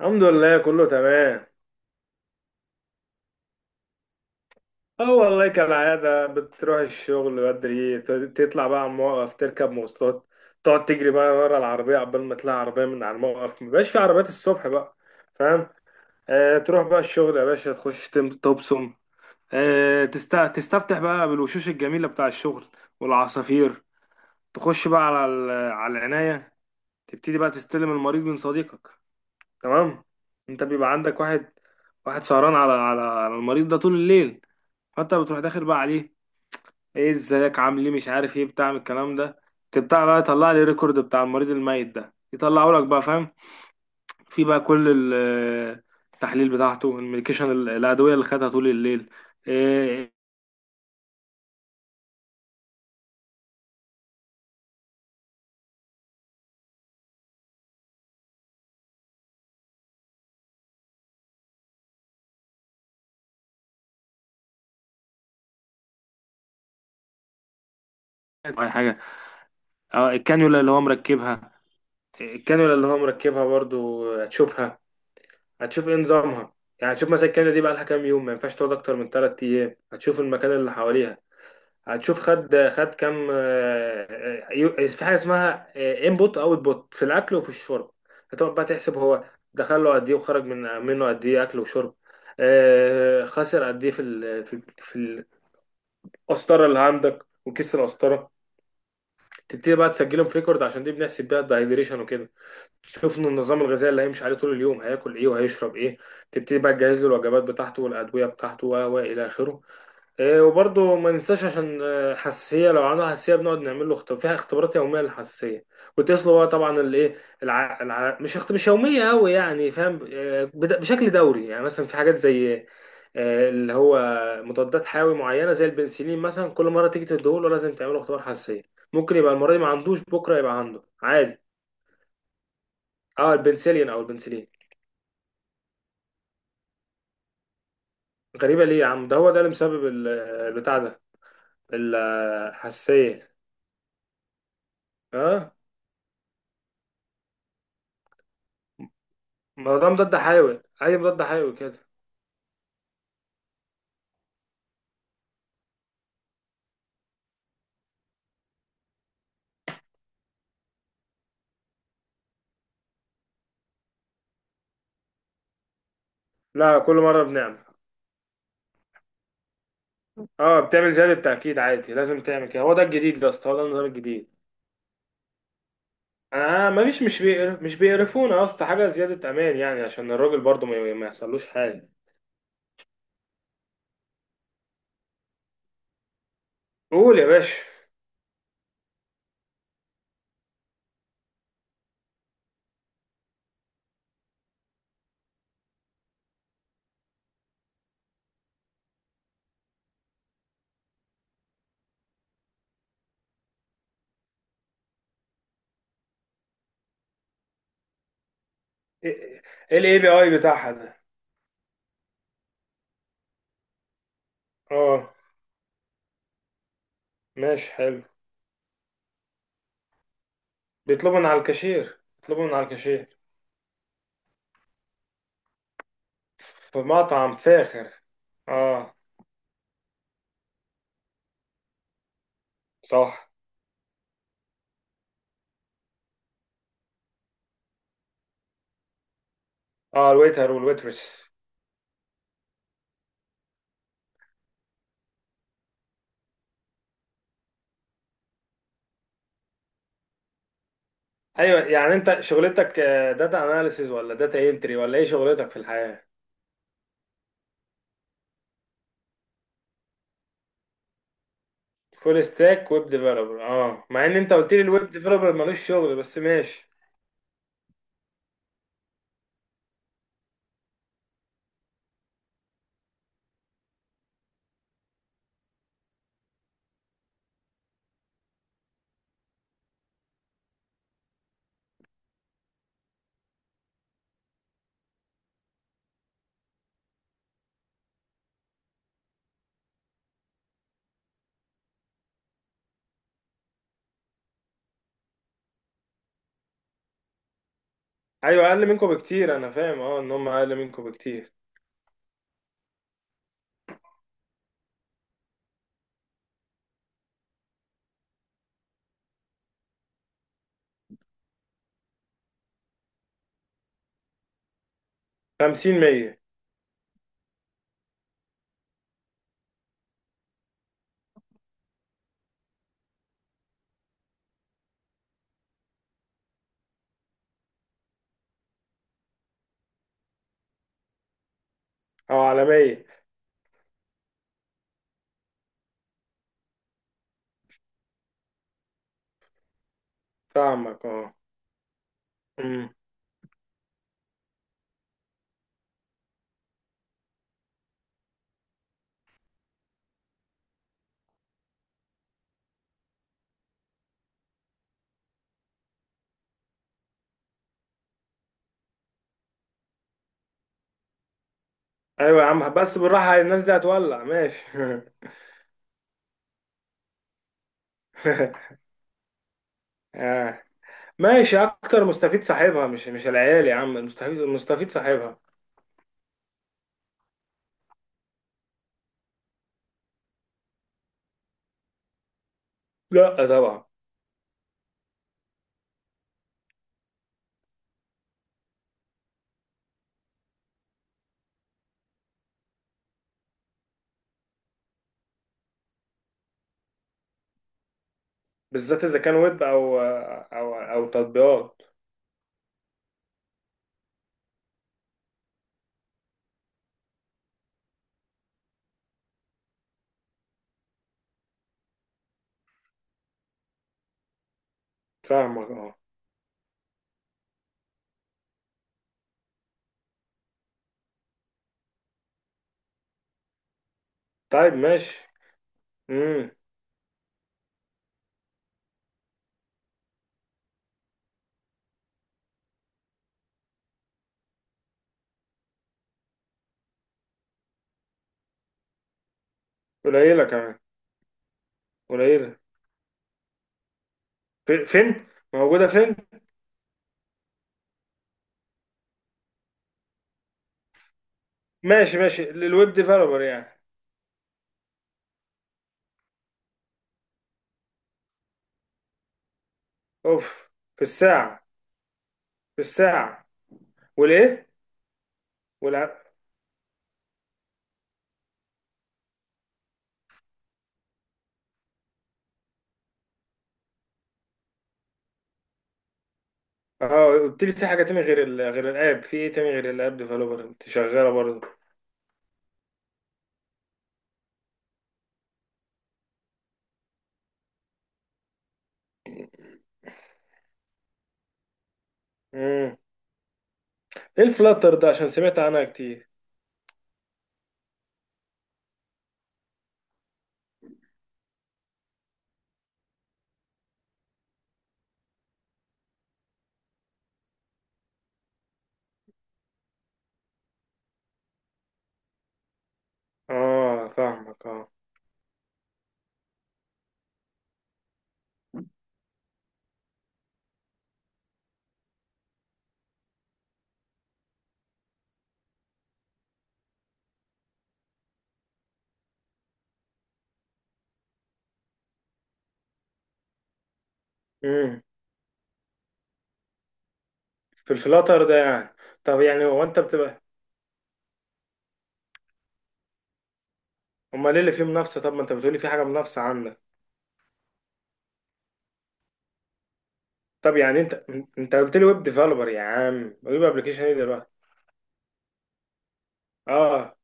الحمد لله، كله تمام. اه والله كالعادة بتروح الشغل بدري، تطلع بقى على الموقف، تركب مواصلات، تقعد تجري بقى ورا العربية عقبال ما تلاقي عربية، من على الموقف مبقاش في عربيات الصبح بقى. فاهم؟ آه، تروح بقى الشغل يا باشا، تخش تبصم. تستفتح بقى بالوشوش الجميلة بتاع الشغل والعصافير. تخش بقى على العناية. تبتدي بقى تستلم المريض من صديقك. تمام. انت بيبقى عندك واحد، واحد سهران على المريض ده طول الليل، فانت بتروح داخل بقى عليه. ايه، ازيك، عامل ايه، مش عارف ايه، بتاع من الكلام ده. تبتاع بقى يطلع لي ريكورد بتاع المريض الميت ده، يطلعه لك بقى. فاهم؟ في بقى كل آه، التحليل بتاعته، الميديكيشن، الادويه اللي خدها طول الليل. ايه، اي حاجه. اه الكانيولا اللي هو مركبها، الكانيولا اللي هو مركبها برضو هتشوفها. هتشوف ايه نظامها. يعني هتشوف مثلا الكانيولا دي بقى لها كام يوم، ما ينفعش تقعد اكتر من 3 ايام. هتشوف المكان اللي حواليها. هتشوف خد كام، آه، في حاجه اسمها انبوت اوت بوت، في الاكل وفي الشرب. هتقعد بقى تحسب، هو دخل له قد ايه، وخرج منه قد ايه، اكل وشرب. خسر قد ايه في في القسطره اللي عندك وكيس القسطره. تبتدي بقى تسجلهم في ريكورد، عشان دي بنحسب بيها الدايجريشن وكده. تشوف ان النظام الغذائي اللي هيمشي عليه طول اليوم هياكل ايه وهيشرب ايه. تبتدي بقى تجهز له الوجبات بتاعته والادويه بتاعته و الى اخره. إيه، وبرضه ما ننساش عشان حساسية، لو عنده حساسية بنقعد نعمل له اختبار فيها، اختبارات يومية للحساسية. وتسلو بقى طبعا الايه، الع... الع... مش اخت... مش يومية قوي يعني. فاهم؟ بشكل دوري، يعني مثلا في حاجات زي اللي هو مضادات حيوي معينة، زي البنسلين مثلا، كل مرة تيجي تديهوله لازم تعمله اختبار حساسية. ممكن يبقى المرة دي ما عندوش، بكرة يبقى عنده عادي. اه، البنسلين او البنسلين. غريبة ليه يا عم، ده هو ده اللي مسبب البتاع ده، الحساسية. اه، ما ده مضاد حيوي، اي مضاد حيوي كده. لا، كل مره بنعمل، اه بتعمل زياده تاكيد عادي، لازم تعمل كده، هو ده الجديد يا اسطى، هو ده النظام الجديد. ما فيش، مش بيقرفونا يا اسطى، حاجه زياده امان يعني، عشان الراجل برضه ما يحصلوش حاجه. قول يا باشا. ايه الاي بي اي بتاعها ده؟ اه ماشي، حلو. بيطلبوا من على الكاشير، بيطلبوا من على الكاشير. في مطعم فاخر. اه، صح. اه، الويتر والويترس. ايوه، يعني انت شغلتك داتا اناليسيز ولا داتا انتري، ولا ايه شغلتك في الحياه؟ فول ستاك ويب ديفلوبر. اه، مع ان انت قلت لي الويب ديفلوبر ملوش شغل، بس ماشي. ايوه، اقل منكم بكتير. انا فاهم، اه، ان هم اقل منكم بكتير. 50، 100. او على 100. فاهمك، اه. امم. ايوه يا عم، بس بالراحه، الناس دي هتولع ماشي. آه. ماشي، اكتر مستفيد صاحبها، مش العيال يا عم، المستفيد، المستفيد صاحبها. لا طبعا. بالذات اذا كان ويب او تطبيقات. فاهمك، اه. طيب ماشي. امم. قليلة كمان. قليلة. فين، موجودة فين؟ ماشي ماشي للويب ديفلوبر يعني. اوف. في الساعة، في الساعة. والايه. والع... اه، قلت لي في حاجة تاني غير غير الاب، في ايه تاني غير الاب ديفلوبر، انت شغالة برضه؟ امم. ايه الفلاتر ده، عشان سمعت عنها كتير. اه، فاهمك، اه. امم. في الفلاتر ده يعني. طب يعني هو انت بتبقى. امال ايه اللي فيه منافسة؟ طب ما انت بتقولي في حاجة منافسة عندك. طب يعني انت قلت لي ويب ديفلوبر يا عم، ويب ابلكيشن ايه دلوقتي؟ اه،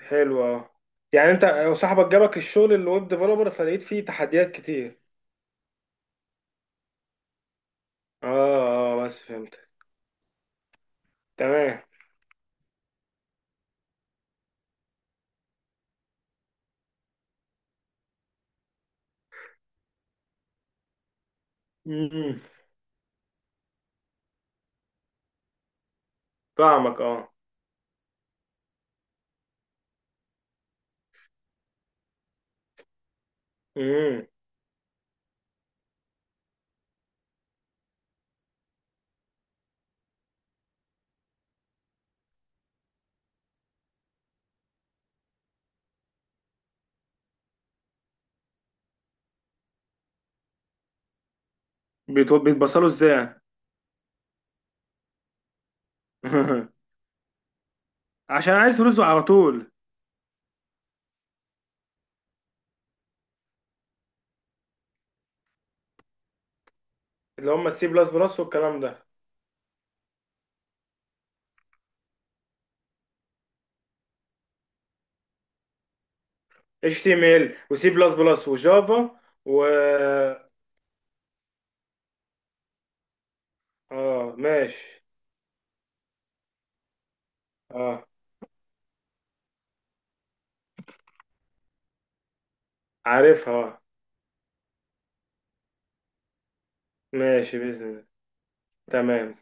حلو، اه. يعني انت وصاحبك جابك الشغل اللي ويب ديفلوبر، فلقيت فيه تحديات كتير. اه، اه، بس فهمت. تمام. امم. فاهمك، اه. امم. بيتبصلوا ازاي يعني؟ عشان عايز فلوسه على طول. اللي هم السي بلس بلس والكلام ده. اتش تي ام ال وسي بلس بلس وجافا و... اه، ماشي. اه، عارفها، ماشي باذن الله. تمام.